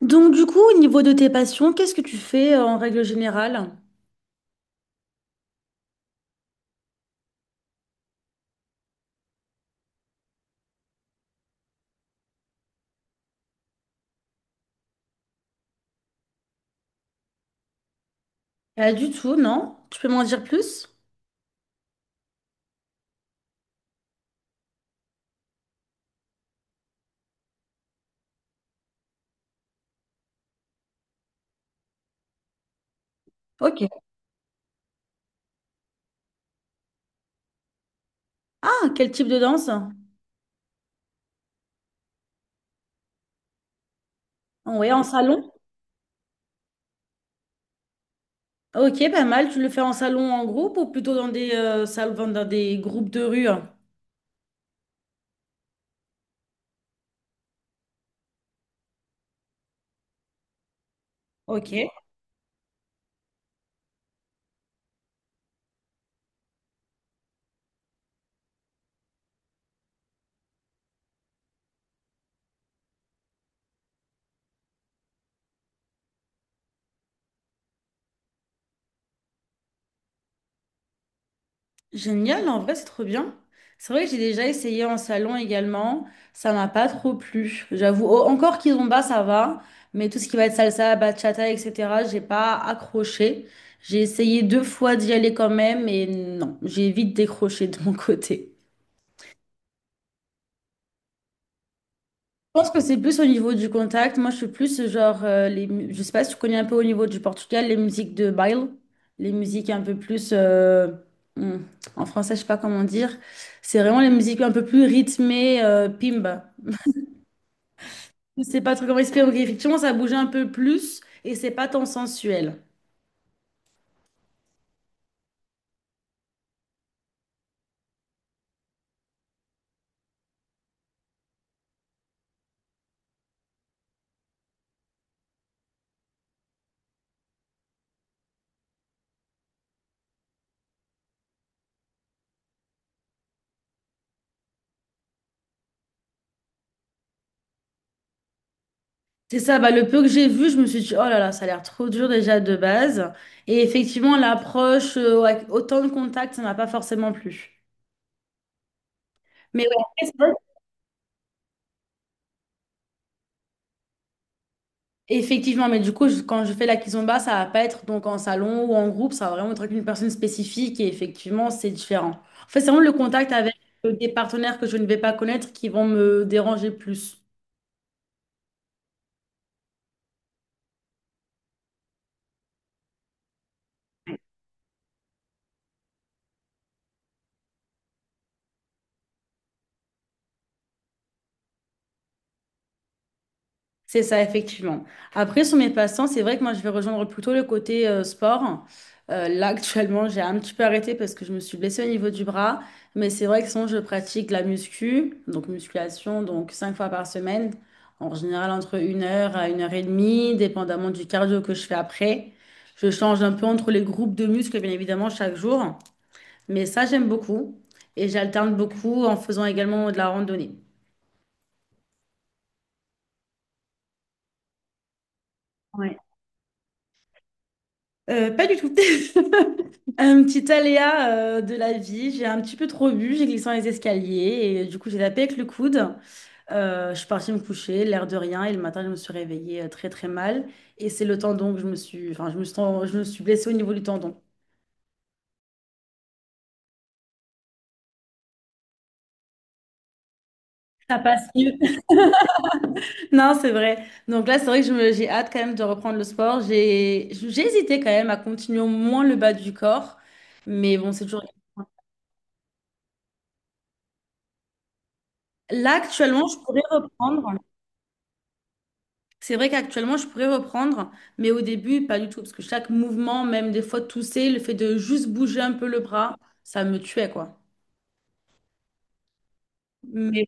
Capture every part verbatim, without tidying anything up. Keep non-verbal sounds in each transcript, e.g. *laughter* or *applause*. Donc du coup, au niveau de tes passions, qu'est-ce que tu fais euh, en règle générale? Pas du tout, non? Tu peux m'en dire plus? Ok. Ah, quel type de danse? Oui, en salon? Ok, pas mal. Tu le fais en salon, en groupe ou plutôt dans des, euh, salons, dans des groupes de rue? Ok. Génial, en vrai, c'est trop bien. C'est vrai que j'ai déjà essayé en salon également. Ça m'a pas trop plu, j'avoue. Oh, encore kizomba, ça va. Mais tout ce qui va être salsa, bachata, et cetera, j'ai pas accroché. J'ai essayé deux fois d'y aller quand même, et non, j'ai vite décroché de mon côté. Je pense que c'est plus au niveau du contact. Moi, je suis plus euh, genre, euh, les, mu- je sais pas si tu connais un peu au niveau du Portugal, les musiques de baile, les musiques un peu plus, euh, hmm, en français, je sais pas comment dire. C'est vraiment les musiques un peu plus rythmées, euh, pimba. Je sais pas trop comment expliquer, mais effectivement, ça bouge un peu plus et c'est pas tant sensuel. C'est ça, bah, le peu que j'ai vu, je me suis dit, oh là là, ça a l'air trop dur déjà de base. Et effectivement, l'approche, euh, avec autant de contact, ça m'a pas forcément plu. Mais ouais, effectivement, mais du coup, je- quand je fais la kizomba, ça va pas être donc en salon ou en groupe, ça va vraiment être avec une personne spécifique et effectivement, c'est différent. En fait, c'est vraiment le contact avec euh, des partenaires que je ne vais pas connaître qui vont me déranger plus. C'est ça, effectivement. Après, sur mes passe-temps, c'est vrai que moi, je vais rejoindre plutôt le côté euh, sport. Euh, là, *laughs* actuellement, j'ai un petit peu arrêté parce que je me suis blessée au niveau du bras. Mais c'est vrai que sinon, je pratique la muscu, donc musculation, donc cinq fois par semaine. En général, entre une heure à une heure et demie, dépendamment du cardio que je fais après. Je change un peu entre les groupes de muscles, bien évidemment, chaque jour. Mais ça, j'aime beaucoup. Et j'alterne beaucoup en faisant également de la randonnée. Ouais. Euh, pas du tout. *laughs* Un petit aléa euh, de la vie, j'ai un petit peu trop bu, j'ai glissé dans les escaliers et du coup j'ai tapé avec le coude. Euh, je suis partie me coucher, l'air de rien, et le matin je me suis réveillée euh, très très mal. Et c'est le tendon que je me suis, enfin je me suis, ten- je me suis blessée au niveau du tendon. Ça passe mieux. *laughs* Non, c'est vrai. Donc là, c'est vrai que je me- j'ai hâte quand même de reprendre le sport. J'ai j'ai hésité quand même à continuer au moins le bas du corps, mais bon, c'est toujours. Là, actuellement, je pourrais reprendre. C'est vrai qu'actuellement, je pourrais reprendre, mais au début, pas du tout, parce que chaque mouvement, même des fois tousser, le fait de juste bouger un peu le bras, ça me tuait, quoi. Mais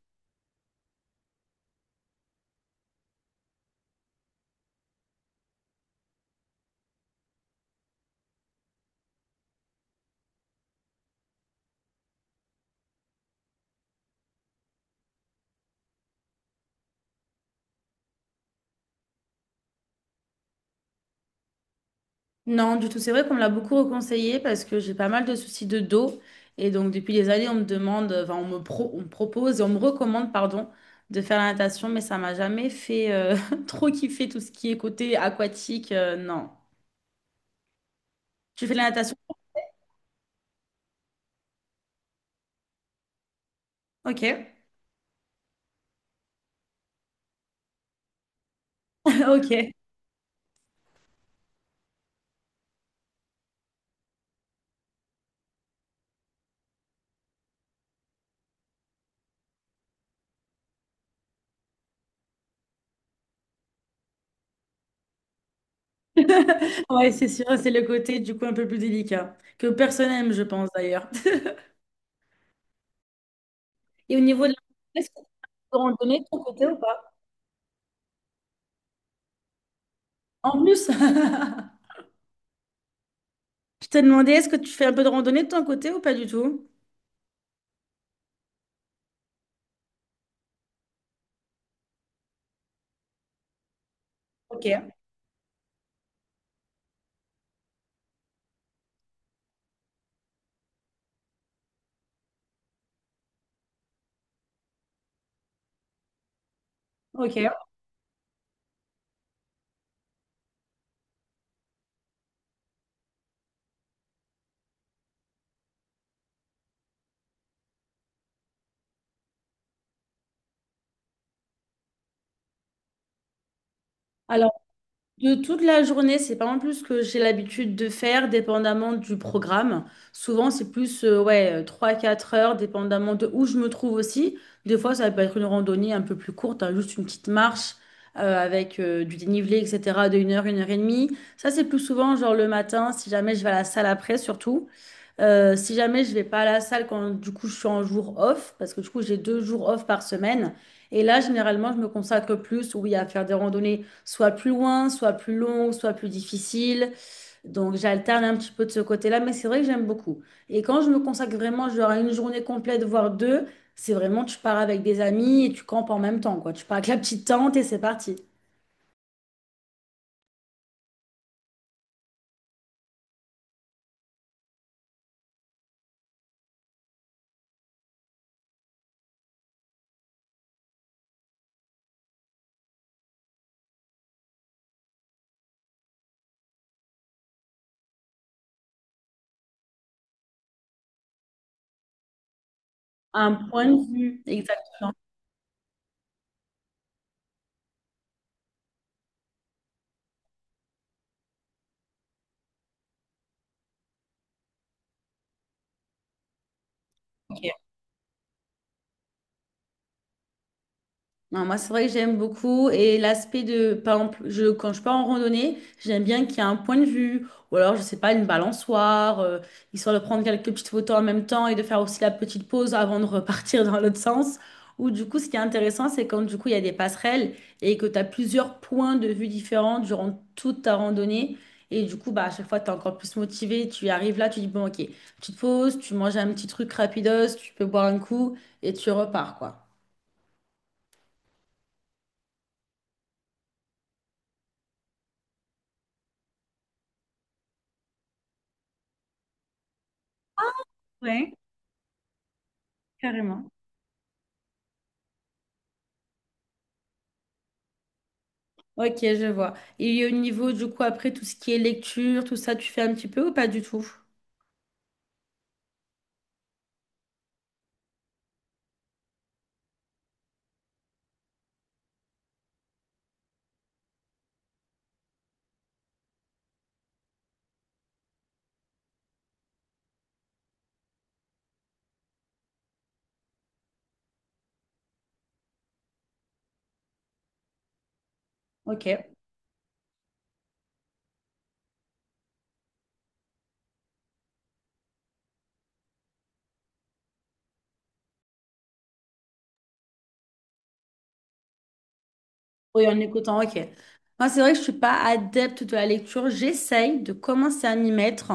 non, du tout, c'est vrai qu'on me l'a beaucoup reconseillé parce que j'ai pas mal de soucis de dos. Et donc, depuis des années, on me demande, enfin, on me, pro- on me propose et on me recommande, pardon, de faire la natation, mais ça m'a jamais fait euh, *laughs* trop kiffer tout ce qui est côté aquatique. euh, non. Tu fais de la natation? Ok. *laughs* Ok. *laughs* Ouais, c'est sûr, c'est le côté du coup un peu plus délicat, que personne n'aime, je pense d'ailleurs. *laughs* Et au niveau de la… Est-ce que tu fais de randonnée de ton côté ou pas? En plus, *laughs* je t'ai demandé, est-ce que tu fais un peu de randonnée de ton côté ou pas du tout? Ok, ok. Alors. De toute la journée, c'est pas en plus ce que j'ai l'habitude de faire, dépendamment du programme. Souvent, c'est plus euh, ouais, euh, trois quatre heures, dépendamment de où je me trouve aussi. Des fois, ça peut être une randonnée un peu plus courte, hein, juste une petite marche euh, avec euh, du dénivelé, et cetera, de une heure, une heure et demie. Ça, c'est plus souvent, genre le matin, si jamais je vais à la salle après, surtout. Euh, si jamais je vais pas à la salle quand du coup je suis en jour off, parce que du coup j'ai deux jours off par semaine, et là généralement je me consacre plus, oui, à faire des randonnées soit plus loin, soit plus longues, soit plus difficiles. Donc j'alterne un petit peu de ce côté-là, mais c'est vrai que j'aime beaucoup. Et quand je me consacre vraiment, genre à une journée complète, voire deux, c'est vraiment tu pars avec des amis et tu campes en même temps, quoi. Tu pars avec la petite tente et c'est parti. Un point de vue. Non, moi, c'est vrai que j'aime beaucoup. Et l'aspect de, par exemple, je, quand je pars en randonnée, j'aime bien qu'il y ait un point de vue, ou alors, je sais pas, une balançoire, euh, histoire de prendre quelques petites photos en même temps et de faire aussi la petite pause avant de repartir dans l'autre sens. Ou du coup, ce qui est intéressant, c'est quand du coup, il y a des passerelles et que tu as plusieurs points de vue différents durant toute ta randonnée. Et du coup, bah, à chaque fois, tu es encore plus motivé. Tu arrives là, tu dis, bon, ok, tu te poses, tu manges un petit truc rapidos, tu peux boire un coup et tu repars, quoi. Ouais, carrément. Ok, je vois. Et au niveau, du coup, après, tout ce qui est lecture, tout ça, tu fais un petit peu ou pas du tout? Ok. Oui, en écoutant, ok. Moi, c'est vrai que je suis pas adepte de la lecture. J'essaye de commencer à m'y mettre.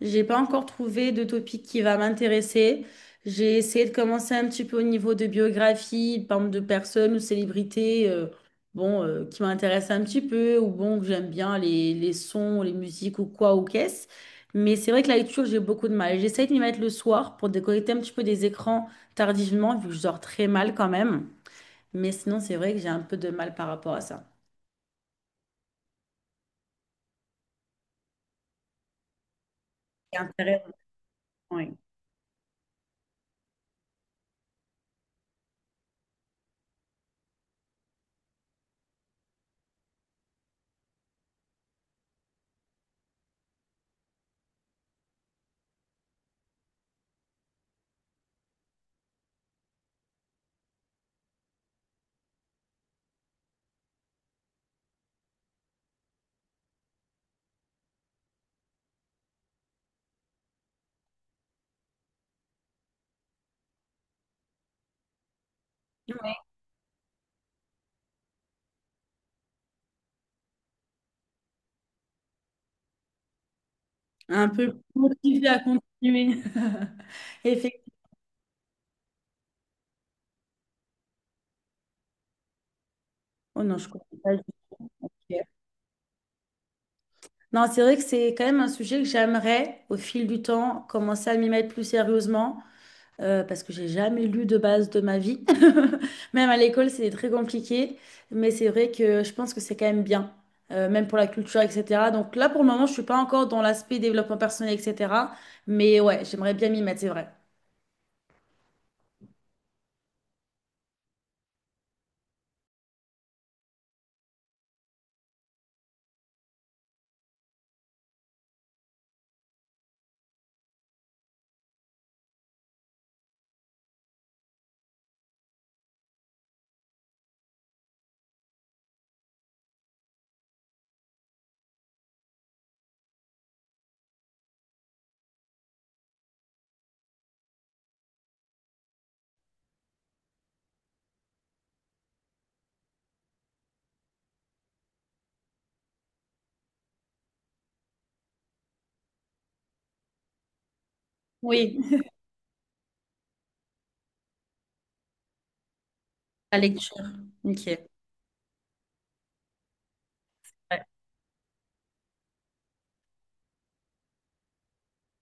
J'ai pas encore trouvé de topic qui va m'intéresser. J'ai essayé de commencer un petit peu au niveau de biographie, par exemple de personnes ou célébrités, euh, bon, euh, qui m'intéressent un petit peu, ou bon, que j'aime bien les, les sons, les musiques ou quoi, ou qu'est-ce. Mais c'est vrai que la lecture, j'ai beaucoup de mal. J'essaye de m'y mettre le soir pour déconnecter un petit peu des écrans tardivement, vu que je dors très mal quand même. Mais sinon, c'est vrai que j'ai un peu de mal par rapport à ça. C'est intéressant, oui. Ouais. Un peu motivée à continuer. *laughs* Effectivement. Oh non, je comprends pas. Du tout. Ok. Non, c'est vrai que c'est quand même un sujet que j'aimerais, au fil du temps, commencer à m'y mettre plus sérieusement, euh, parce que j'ai jamais lu de base de ma vie. *laughs* Même à l'école, c'était très compliqué, mais c'est vrai que je pense que c'est quand même bien, euh, même pour la culture, et cetera. Donc là, pour le moment, je suis pas encore dans l'aspect développement personnel, et cetera. Mais ouais, j'aimerais bien m'y mettre, c'est vrai. Oui, la lecture. Ok. Ouais.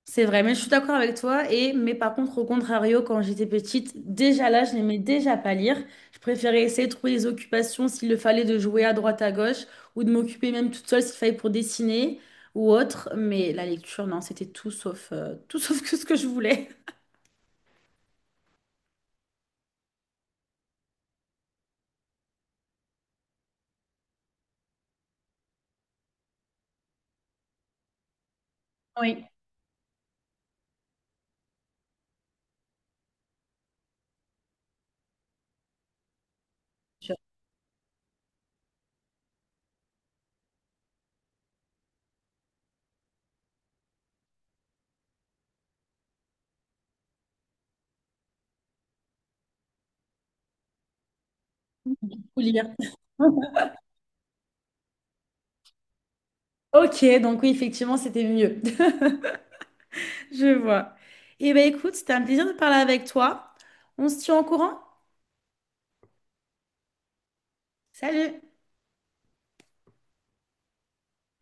C'est vrai, mais je suis d'accord avec toi. Et, mais par contre, au contrario, quand j'étais petite, déjà là, je n'aimais déjà pas lire. Je préférais essayer de trouver des occupations s'il le fallait de jouer à droite à gauche ou de m'occuper même toute seule s'il fallait pour dessiner ou autre. Mais la lecture, non, c'était tout sauf, euh, *laughs* tout sauf que ce que je voulais. Oui. Je. Ou lire. *laughs* Ok, donc oui, effectivement, c'était mieux. *laughs* Je vois. Eh bien, écoute, c'était un plaisir de parler avec toi. On se tient au courant? Salut!